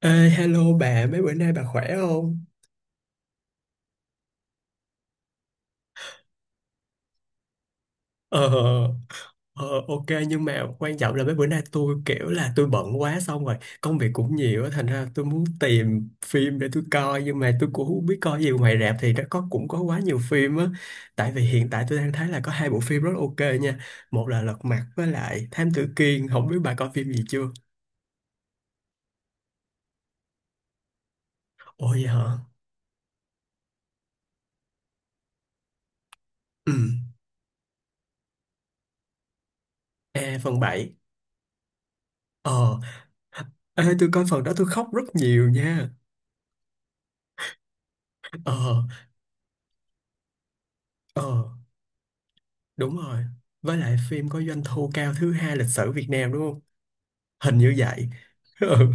Ê, hello bà, mấy bữa nay bà khỏe không? Ờ, ờ, ok nhưng mà quan trọng là mấy bữa nay tôi kiểu là tôi bận quá xong rồi công việc cũng nhiều á thành ra tôi muốn tìm phim để tôi coi nhưng mà tôi cũng không biết coi gì ngoài rạp thì nó cũng có quá nhiều phim á tại vì hiện tại tôi đang thấy là có hai bộ phim rất ok nha, một là Lật Mặt với lại Thám Tử Kiên, không biết bà coi phim gì chưa? Ồ vậy hả? Ừ. Ê, phần 7. Ờ. Ê, tôi coi phần đó tôi khóc rất nhiều nha. Ờ. Ờ. Đúng rồi. Với lại phim có doanh thu cao thứ hai lịch sử Việt Nam đúng không? Hình như vậy. Ừ,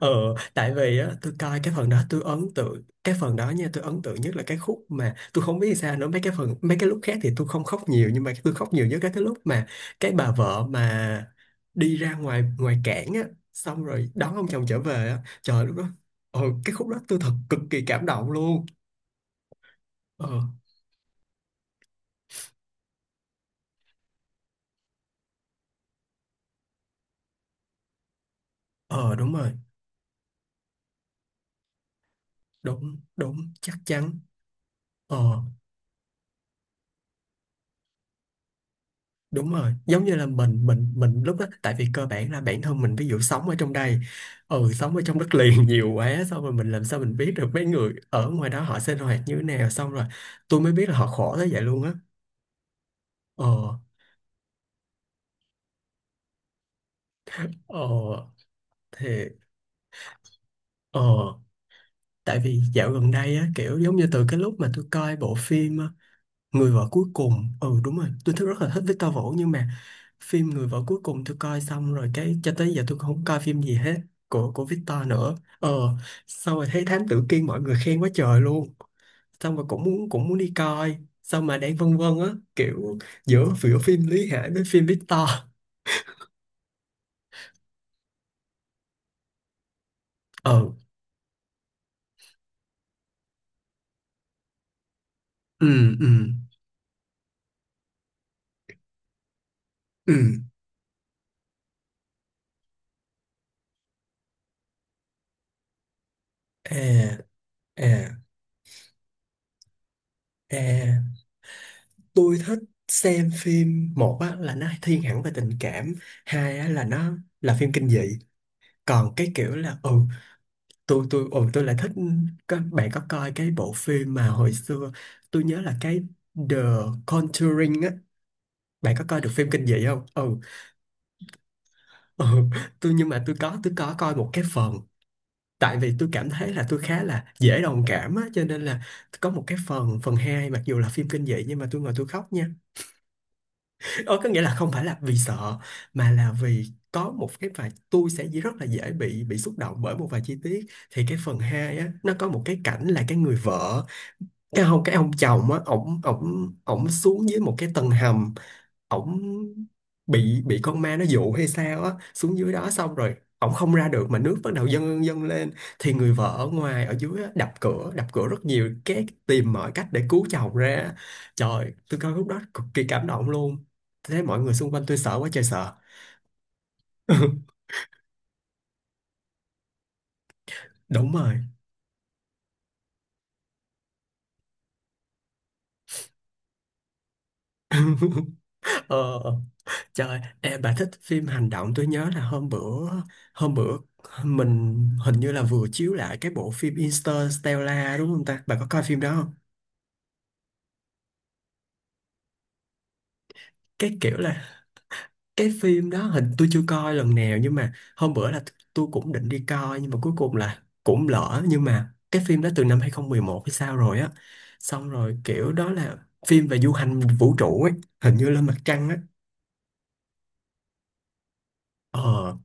ừ. Tại vì á, tôi coi cái phần đó tôi ấn tượng cái phần đó nha, tôi ấn tượng nhất là cái khúc mà tôi không biết sao nữa, mấy cái phần mấy cái lúc khác thì tôi không khóc nhiều nhưng mà tôi khóc nhiều nhất là cái lúc mà cái bà vợ mà đi ra ngoài ngoài cảng á xong rồi đón ông chồng trở về á, trời lúc đó ờ cái khúc đó tôi thật cực kỳ cảm động luôn. Ờ. Ờ đúng rồi. Đúng đúng chắc chắn. Ờ đúng rồi, giống như là mình lúc đó tại vì cơ bản là bản thân mình ví dụ sống ở trong đây, ừ sống ở trong đất liền nhiều quá xong rồi mình làm sao mình biết được mấy người ở ngoài đó họ sinh hoạt như thế nào xong rồi tôi mới biết là họ khổ tới vậy luôn á. Ờ. Ờ thì ờ, tại vì dạo gần đây á kiểu giống như từ cái lúc mà tôi coi bộ phim Người vợ cuối cùng, ừ đúng rồi tôi thích rất là thích Victor Vũ nhưng mà phim Người vợ cuối cùng tôi coi xong rồi cái cho tới giờ tôi không coi phim gì hết của Victor nữa, ờ xong rồi thấy Thám Tử Kiên mọi người khen quá trời luôn, xong rồi cũng muốn đi coi, xong mà đang vân vân á, kiểu giữa giữa phim Lý Hải với phim Victor. Ờ. Ừ. Ừ. Ừ. À. À. À tôi thích xem phim, một á là nó thiên hẳn về tình cảm, hai á là nó là phim kinh dị, còn cái kiểu là ừ tôi ừ tôi lại thích, các bạn có coi cái bộ phim mà hồi xưa tôi nhớ là cái The Conjuring á, bạn có coi được phim kinh dị không? Ừ. Ừ. Tôi nhưng mà tôi có coi một cái phần, tại vì tôi cảm thấy là tôi khá là dễ đồng cảm á cho nên là có một cái phần phần hai mặc dù là phim kinh dị nhưng mà tôi ngồi tôi khóc nha. Ờ, có nghĩa là không phải là vì sợ mà là vì có một cái vài tôi sẽ rất là dễ bị xúc động bởi một vài chi tiết, thì cái phần 2 á nó có một cái cảnh là cái người vợ, cái ông chồng á ổng ổng ổng xuống dưới một cái tầng hầm, ổng bị con ma nó dụ hay sao á xuống dưới đó xong rồi ổng không ra được mà nước bắt đầu dâng dâng lên, thì người vợ ở ngoài ở dưới á, đập cửa rất nhiều cái tìm mọi cách để cứu chồng ra, trời tôi coi lúc đó cực kỳ cảm động luôn, thế mọi người xung quanh tôi sợ quá trời sợ. Đúng rồi. Ờ, trời em, bà thích phim hành động. Tôi nhớ là hôm bữa mình hình như là vừa chiếu lại cái bộ phim Interstellar đúng không ta, bà có coi phim đó không? Cái kiểu là cái phim đó hình tôi chưa coi lần nào nhưng mà hôm bữa là tôi cũng định đi coi nhưng mà cuối cùng là cũng lỡ, nhưng mà cái phim đó từ năm 2011 hay sao rồi á, xong rồi kiểu đó là phim về du hành vũ trụ ấy, hình như lên mặt trăng á. Ờ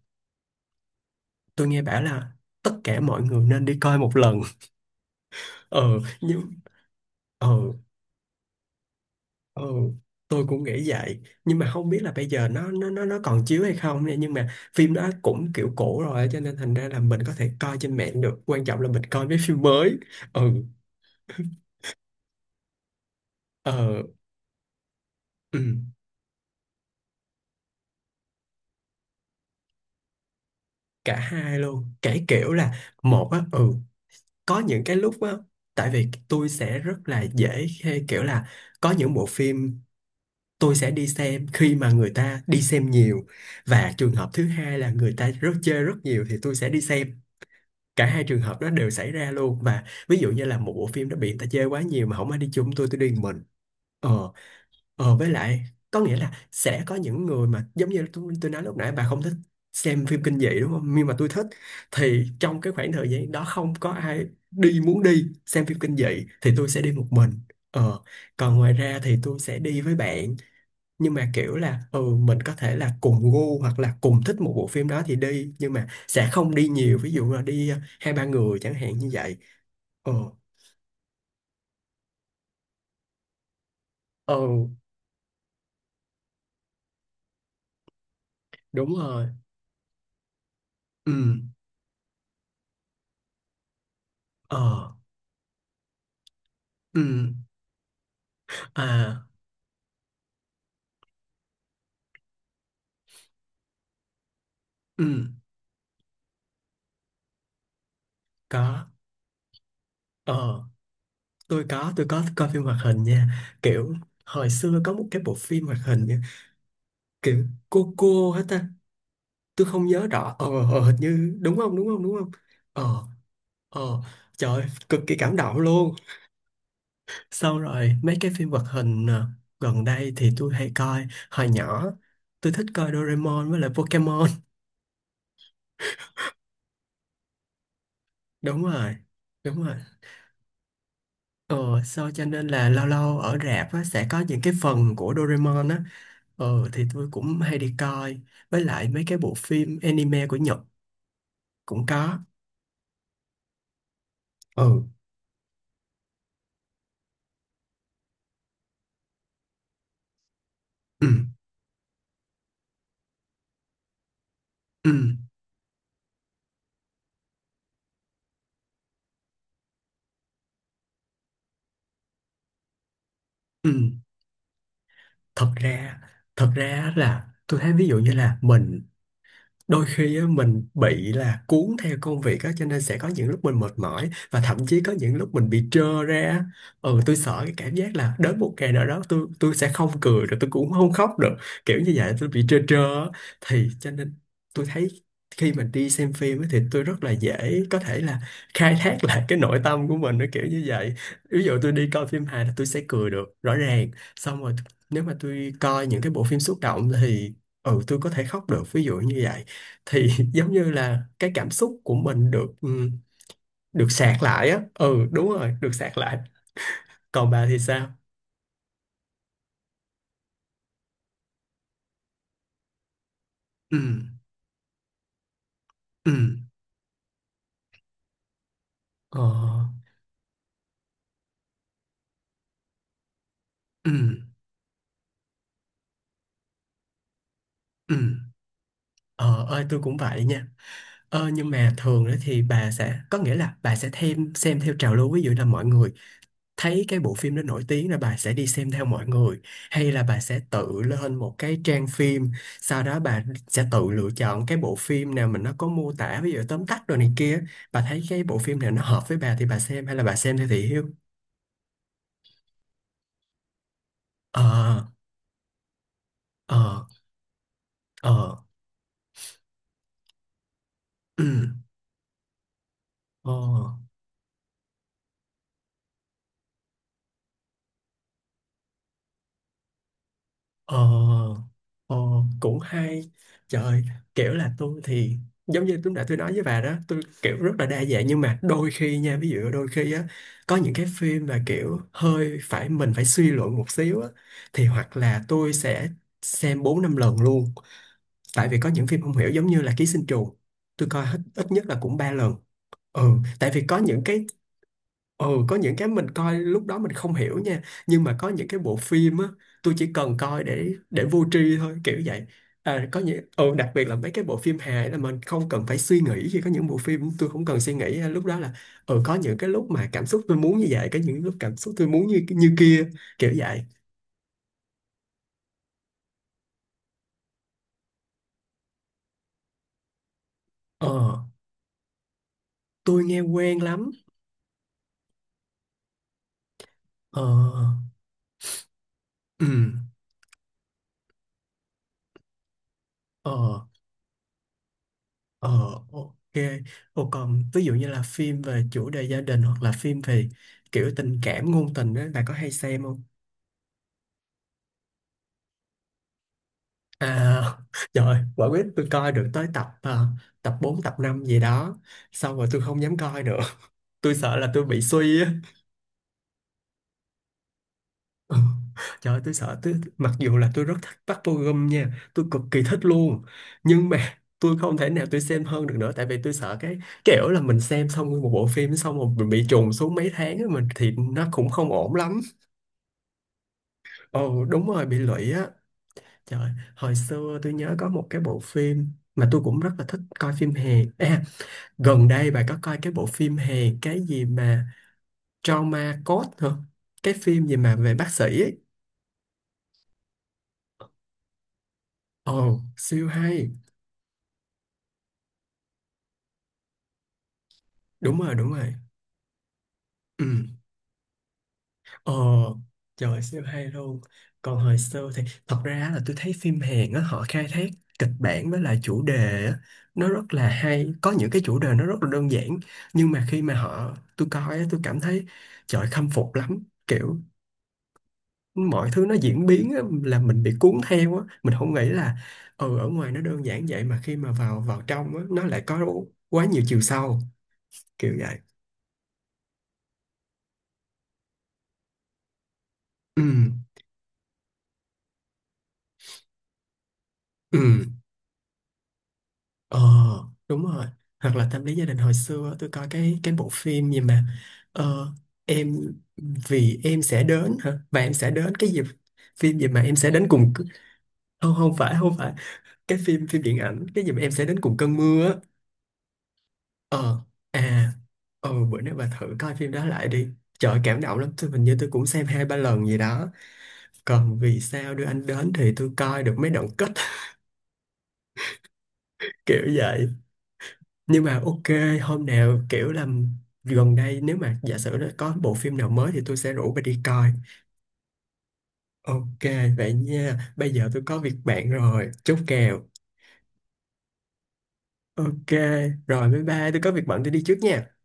tôi nghe bảo là tất cả mọi người nên đi coi một lần. Ờ nhưng ờ. Ừ, tôi cũng nghĩ vậy nhưng mà không biết là bây giờ nó còn chiếu hay không nha, nhưng mà phim đó cũng kiểu cũ rồi cho nên thành ra là mình có thể coi trên mạng được, quan trọng là mình coi mấy phim mới. Ừ. Ờ. Ừ, cả hai luôn cái kiểu là một á, ừ có những cái lúc á tại vì tôi sẽ rất là dễ khi kiểu là có những bộ phim tôi sẽ đi xem khi mà người ta đi xem nhiều, và trường hợp thứ hai là người ta rất chơi rất nhiều thì tôi sẽ đi xem, cả hai trường hợp đó đều xảy ra luôn, và ví dụ như là một bộ phim đó bị người ta chê quá nhiều mà không ai đi chung tôi đi một mình. Ờ. Ờ với lại có nghĩa là sẽ có những người mà giống như tôi nói lúc nãy bà không thích xem phim kinh dị đúng không nhưng mà tôi thích, thì trong cái khoảng thời gian đó không có ai đi muốn đi xem phim kinh dị thì tôi sẽ đi một mình. Ờ. Còn ngoài ra thì tôi sẽ đi với bạn nhưng mà kiểu là ừ mình có thể là cùng gu hoặc là cùng thích một bộ phim đó thì đi, nhưng mà sẽ không đi nhiều, ví dụ là đi ờ, hai ba người chẳng hạn như vậy. Ờ. Ờ đúng rồi. Ừ. Ờ. Ừ. À. Ừ có. Ờ tôi có coi phim hoạt hình nha, kiểu hồi xưa có một cái bộ phim hoạt hình nha, kiểu cô hết ta tôi không nhớ rõ ờ. Ờ, hình như đúng không. Ờ. Ờ trời ơi, cực kỳ cảm động luôn. Xong rồi mấy cái phim hoạt hình à, gần đây thì tôi hay coi, hồi nhỏ tôi thích coi Doraemon với lại Pokemon. Đúng rồi. Đúng rồi. Ờ sau cho nên là lâu lâu ở rạp á, sẽ có những cái phần của Doraemon á, ờ thì tôi cũng hay đi coi, với lại mấy cái bộ phim anime của Nhật cũng có. Ừ. Ừ. Ừ. Ừ. thật ra Thật ra là tôi thấy ví dụ như là mình đôi khi á, mình bị là cuốn theo công việc á cho nên sẽ có những lúc mình mệt mỏi và thậm chí có những lúc mình bị trơ ra á. Ừ tôi sợ cái cảm giác là đến một ngày nào đó tôi sẽ không cười được, tôi cũng không khóc được, kiểu như vậy tôi bị trơ trơ á. Thì cho nên tôi thấy khi mình đi xem phim á, thì tôi rất là dễ có thể là khai thác lại cái nội tâm của mình nó kiểu như vậy, ví dụ tôi đi coi phim hài là tôi sẽ cười được rõ ràng, xong rồi nếu mà tôi coi những cái bộ phim xúc động thì ừ tôi có thể khóc được ví dụ như vậy, thì giống như là cái cảm xúc của mình được ừ, được sạc lại á, ừ đúng rồi được sạc lại. Còn bà thì sao? Ừ. Ừ. Ờ. Ừ. Ừ. Ờ ơi tôi cũng vậy nha. Ờ nhưng mà thường đó thì bà sẽ có nghĩa là bà sẽ thêm xem theo trào lưu, ví dụ là mọi người thấy cái bộ phim đó nổi tiếng là bà sẽ đi xem theo mọi người, hay là bà sẽ tự lên một cái trang phim sau đó bà sẽ tự lựa chọn cái bộ phim nào mình, nó có mô tả ví dụ tóm tắt rồi này kia, bà thấy cái bộ phim nào nó hợp với bà thì bà xem, hay là bà xem theo thị hiếu. Ờ. Ờ. Ờ. Ừ, ờ. Ờ, ờ, cũng hay. Trời, kiểu là tôi thì giống như lúc nãy tôi nói với bà đó, tôi kiểu rất là đa dạng nhưng mà đôi khi nha, ví dụ đôi khi á có những cái phim mà kiểu hơi phải mình phải suy luận một xíu á, thì hoặc là tôi sẽ xem bốn năm lần luôn, tại vì có những phim không hiểu giống như là Ký sinh trùng tôi coi hết ít nhất là cũng ba lần. Ừ. Tại vì có những cái. Ừ, có những cái mình coi lúc đó mình không hiểu nha, nhưng mà có những cái bộ Phim á, tôi chỉ cần coi để vô tri thôi, kiểu vậy. À, có những đặc biệt là mấy cái bộ phim hài là mình không cần phải suy nghĩ, khi có những bộ phim tôi không cần suy nghĩ lúc đó là có những cái lúc mà cảm xúc tôi muốn như vậy, có những lúc cảm xúc tôi muốn như như kia, kiểu vậy. Ờ, tôi nghe quen lắm. Ờ. Ừ. Ờ. Ờ, ok. Ồ, còn ví dụ như là phim về chủ đề gia đình hoặc là phim về kiểu tình cảm ngôn tình đó, bà có hay xem không? À, trời, quả quyết tôi coi được tới tập à, tập 4 tập 5 gì đó. Xong rồi tôi không dám coi nữa. Tôi sợ là tôi bị suy á. Ừ. Trời ơi, tôi sợ tôi, mặc dù là tôi rất thích Park Bo Gum nha, tôi cực kỳ thích luôn, nhưng mà tôi không thể nào tôi xem hơn được nữa, tại vì tôi sợ cái kiểu là mình xem xong một bộ phim xong rồi mình bị trùng xuống mấy tháng á, mình thì nó cũng không ổn lắm. Ồ đúng rồi, bị lụy á. Trời, hồi xưa tôi nhớ có một cái bộ phim mà tôi cũng rất là thích coi phim Hàn à, gần đây bà có coi cái bộ phim Hàn cái gì mà Trauma Code hả, cái phim gì mà về bác sĩ ấy. Ồ siêu hay. Đúng rồi, đúng rồi. Ừ. Ờ, trời siêu hay luôn. Còn hồi xưa thì thật ra là tôi thấy phim Hàn á, họ khai thác kịch bản với lại chủ đề á, nó rất là hay, có những cái chủ đề nó rất là đơn giản, nhưng mà khi mà họ tôi coi á tôi cảm thấy trời khâm phục lắm, kiểu mọi thứ nó diễn biến á, là mình bị cuốn theo á, mình không nghĩ là ừ ở ngoài nó đơn giản vậy mà khi mà vào vào trong á nó lại có quá nhiều chiều sâu, kiểu vậy. Ừ. Ừ. Ờ đúng rồi. Hoặc là tâm lý gia đình, hồi xưa tôi coi cái bộ phim gì mà ờ, em vì em sẽ đến hả, và em sẽ đến cái gì, phim gì mà em sẽ đến cùng c-. Không không phải không phải Cái phim phim điện ảnh. Cái gì mà em sẽ đến cùng cơn mưa á. Ờ. À. Ờ bữa nay bà thử coi phim đó lại đi. Trời cảm động lắm, tôi hình như tôi cũng xem hai ba lần gì đó. Còn Vì Sao Đưa Anh Đến thì tôi coi được mấy đoạn kết. Kiểu vậy, nhưng mà ok hôm nào kiểu là gần đây nếu mà giả sử nó có bộ phim nào mới thì tôi sẽ rủ bà đi coi. Ok, vậy nha, bây giờ tôi có việc bận rồi, chốt kèo. Ok, rồi bye bye, tôi có việc bận tôi đi trước nha.